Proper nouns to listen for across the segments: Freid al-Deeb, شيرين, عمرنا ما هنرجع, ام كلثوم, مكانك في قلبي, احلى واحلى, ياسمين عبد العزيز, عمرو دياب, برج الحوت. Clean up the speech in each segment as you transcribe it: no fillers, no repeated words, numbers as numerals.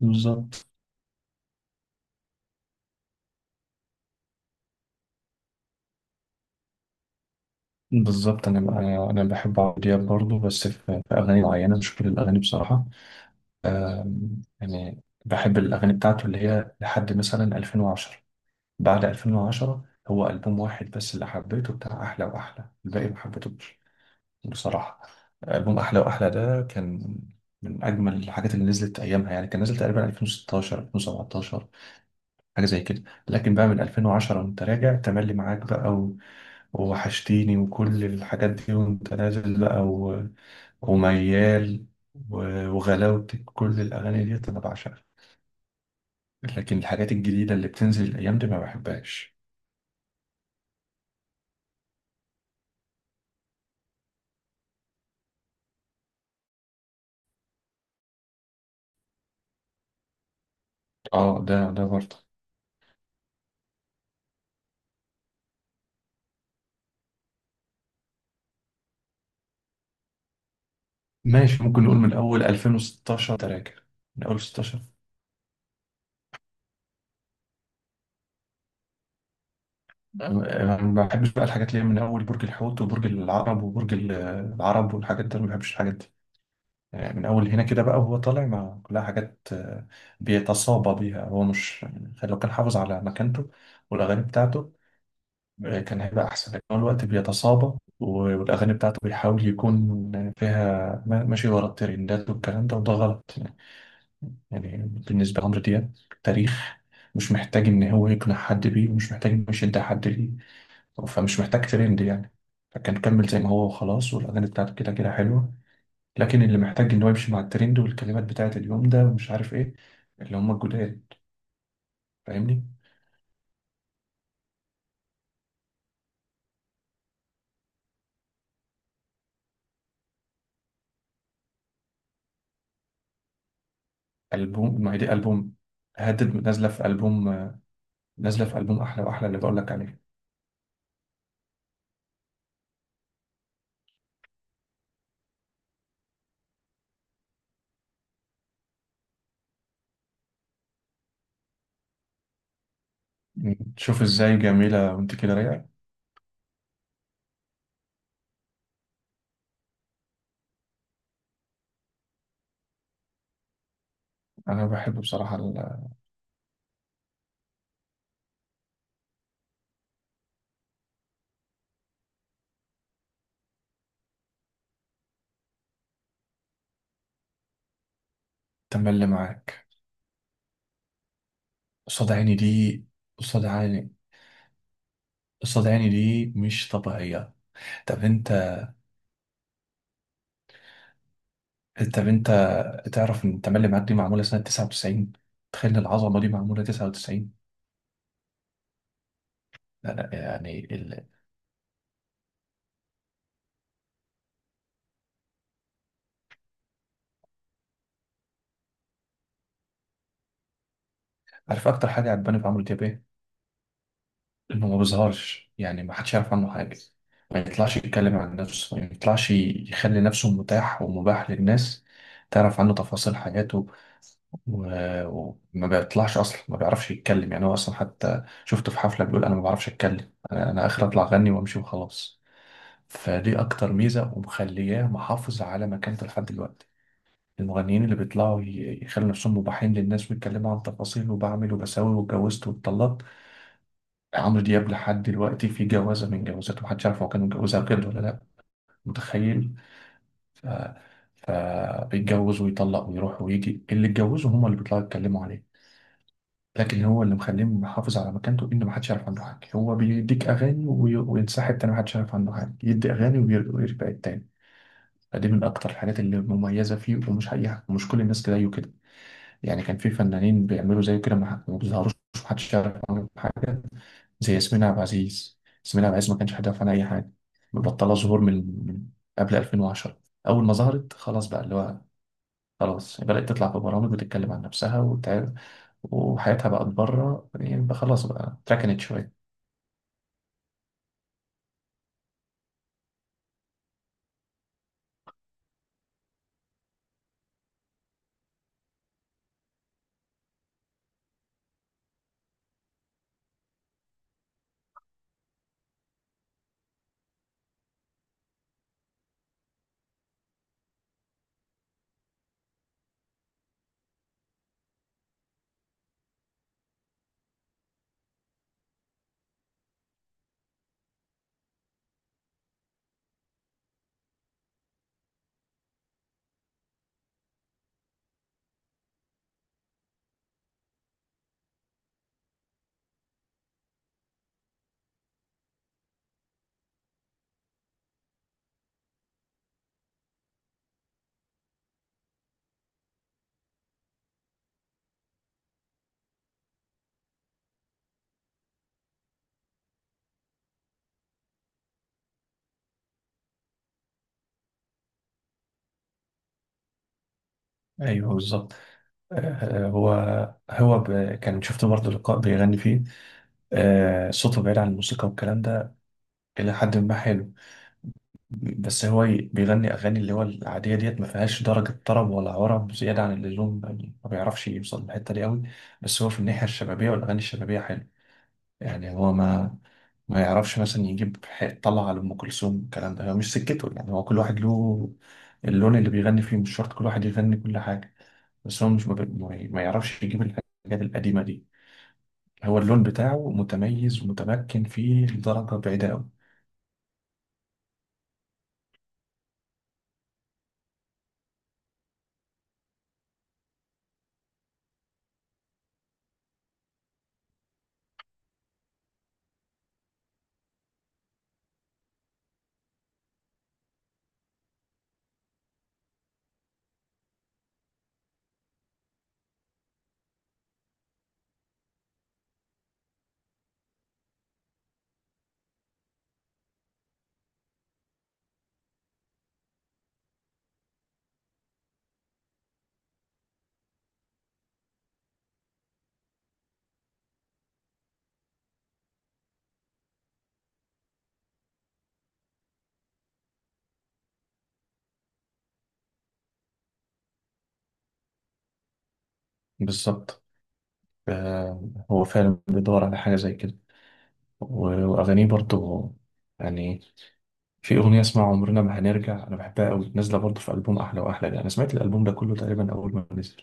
بالظبط بالظبط. انا انا أنا بحب عمرو دياب برضه، بس في اغاني معينه، مش كل الاغاني بصراحه. يعني بحب الاغاني بتاعته اللي هي لحد مثلا 2010. بعد 2010 هو البوم واحد بس اللي حبيته بتاع احلى واحلى، الباقي ما حبيتهوش بصراحه. البوم احلى واحلى ده كان من اجمل الحاجات اللي نزلت ايامها، يعني كان نزل تقريبا 2016 2017، حاجه زي كده. لكن بقى من 2010 وانت راجع تملي معاك بقى ووحشتيني وكل الحاجات دي وانت نازل بقى وميال و... وغلاوتك، كل الاغاني دي انا بعشقها. لكن الحاجات الجديده اللي بتنزل الايام دي ما بحبهاش. اه، ده برضه. ماشي، ممكن نقول من اول 2016 تراجع، من اول 16. أنا ما بحبش بقى الحاجات اللي هي من اول برج الحوت وبرج العرب، والحاجات دي أنا ما بحبش الحاجات دي. من اول هنا كده بقى، وهو طالع مع كلها حاجات، بيتصابى بيها. هو مش يعني، لو كان حافظ على مكانته والاغاني بتاعته كان هيبقى احسن، لكن هو الوقت بيتصابى والاغاني بتاعته بيحاول يكون فيها ماشي ورا الترندات والكلام ده، وده غلط يعني. يعني، بالنسبه لعمرو دياب تاريخ، مش محتاج ان هو يقنع حد بيه، ومش محتاج انه يشد حد ليه، فمش محتاج ترند يعني. فكان كمل زي ما هو وخلاص، والاغاني بتاعته كده كده حلوه. لكن اللي محتاج ان هو يمشي مع الترند والكلمات بتاعت اليوم ده ومش عارف ايه، اللي هم الجداد، فاهمني؟ البوم؟ ما هي دي البوم، هدد نازله في البوم احلى واحلى اللي بقول لك عليه. شوف ازاي جميله وانت كده رايقه. انا بحب بصراحه. التملي اللي معاك، قصاد عيني دي، قصاد عيني قصاد عيني دي مش طبيعيه. طب انت طب انت تعرف ان التملي معاك دي معموله سنه 99؟ تخيل العظمه دي معموله 99. لا يعني عارف اكتر حاجه عجباني في عمرو دياب ايه؟ انه ما بيظهرش، يعني ما حدش يعرف عنه حاجة. ما يطلعش يتكلم عن نفسه، ما يطلعش يخلي نفسه متاح ومباح للناس تعرف عنه تفاصيل حياته. وما بيطلعش اصلا، ما بيعرفش يتكلم، يعني هو اصلا حتى شفته في حفلة بيقول: انا ما بعرفش اتكلم، انا اخر اطلع اغني وامشي وخلاص. فدي اكتر ميزة ومخلياه محافظ على مكانته لحد دلوقتي. المغنيين اللي بيطلعوا يخلوا نفسهم مباحين للناس ويتكلموا عن تفاصيل وبعمل وبسوي واتجوزت واتطلقت. عمرو دياب لحد دلوقتي في جوازة من جوازاته محدش عارف هو كان متجوزها بجد ولا لأ، متخيل؟ ف... فبيتجوز ويطلق ويروح ويجي، اللي اتجوزه هما اللي بيطلعوا يتكلموا عليه. لكن هو اللي مخليه محافظ على مكانته إن محدش يعرف عنه حاجة. هو بيديك أغاني وينسحب تاني، محدش يعرف عنه حاجة، يدي أغاني ويرجع التاني. فدي من أكتر الحاجات اللي مميزة فيه، ومش حقيقة ومش كل الناس زيه كده. يعني كان في فنانين بيعملوا زيه كده ما بيظهروش، محدش يعرف عنهم حاجة. زي ياسمين عبد العزيز، ما كانش هدف عن اي حاجه. مبطله ظهور من من قبل 2010، اول ما ظهرت خلاص بقى اللي هو خلاص بدات تطلع في برامج وتتكلم عن نفسها وحياتها بقت بره، يعني بقى خلاص بقى اتركنت شويه. ايوه بالظبط. آه، هو هو ب... كان شفت برضه لقاء بيغني فيه، صوته بعيد عن الموسيقى والكلام ده إلى حد ما حلو. بس هو بيغني اغاني اللي هو العاديه ديت ما فيهاش درجه طرب ولا عرب زياده عن اللزوم، يعني ما بيعرفش يوصل للحته دي قوي. بس هو في الناحيه الشبابيه والاغاني الشبابيه حلو. يعني هو ما يعرفش مثلا يجيب طلع على ام كلثوم، الكلام ده هو مش سكته، يعني هو كل واحد له اللون اللي بيغني فيه، مش شرط كل واحد يغني كل حاجه. بس هو مش ما بي- ما ي- ما يعرفش يجيب الحاجات القديمه دي. هو اللون بتاعه متميز ومتمكن فيه لدرجه بعيده قوي. بالظبط. هو فعلا بيدور على حاجه زي كده، وأغانيه برضو يعني. في أغنية اسمها عمرنا ما هنرجع أنا بحبها أوي، نازلة برضو في ألبوم أحلى وأحلى ده. أنا سمعت الألبوم ده كله تقريبا أول ما نزل،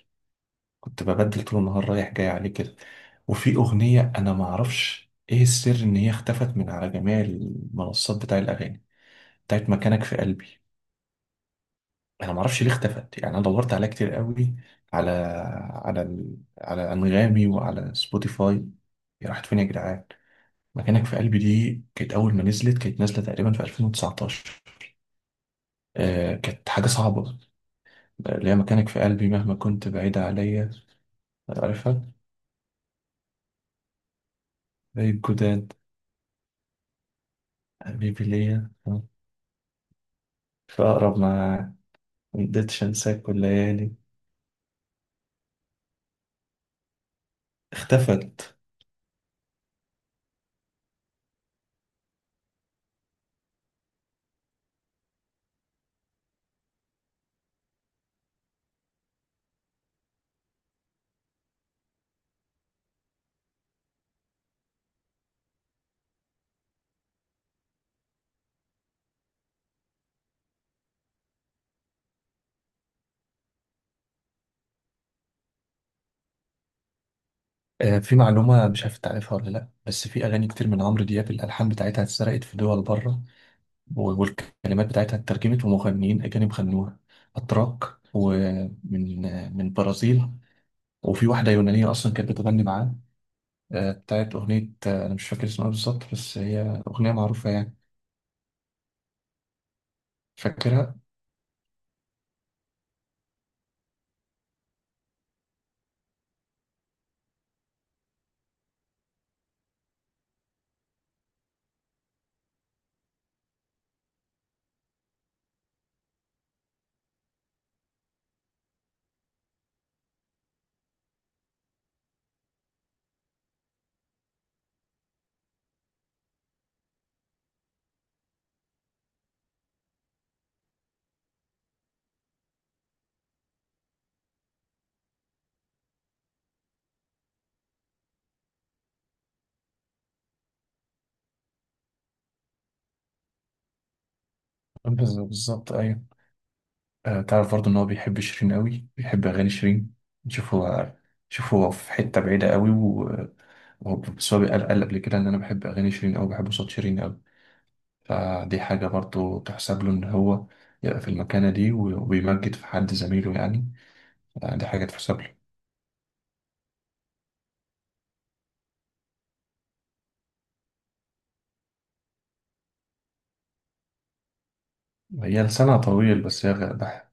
كنت ببدل طول النهار رايح جاي عليه كده. وفي أغنية أنا معرفش إيه السر إن هي اختفت من على جميع المنصات بتاع الأغاني، بتاعت مكانك في قلبي. أنا معرفش ليه اختفت، يعني أنا دورت عليها كتير أوي، على على أنغامي وعلى سبوتيفاي. هي راحت فين يا جدعان؟ مكانك في قلبي دي كانت أول ما نزلت، كانت نازلة تقريبا في 2019. آه، كانت حاجة صعبة. اللي هي مكانك في قلبي مهما كنت بعيدة عليا، عارفها؟ زي الجداد، حبيبي ليا. في أقرب ما، مقدرتش أنساك والليالي، اختفت. آه، في معلومة مش عارف تعرفها ولا لأ، بس في أغاني كتير من عمرو دياب الألحان بتاعتها اتسرقت في دول بره، والكلمات بتاعتها اترجمت ومغنيين أجانب غنوها، أتراك ومن من البرازيل. وفي واحدة يونانية أصلا كانت بتغني معاه، بتاعت أغنية، أنا مش فاكر اسمها بالظبط بس هي أغنية معروفة يعني، فاكرها؟ بالظبط أيوة. تعرف برضه إن هو بيحب شيرين قوي، بيحب أغاني شيرين. شوف هو شوف هو في حتة بعيدة قوي، وهو بس هو قال قبل كده إن أنا بحب أغاني شيرين أوي، بحب صوت شيرين أوي. فدي حاجة برضه تحسب له، إن هو يبقى في المكانة دي وبيمجد في حد زميله يعني. دي حاجة تحسب له. هي لسانها طويل، بس هي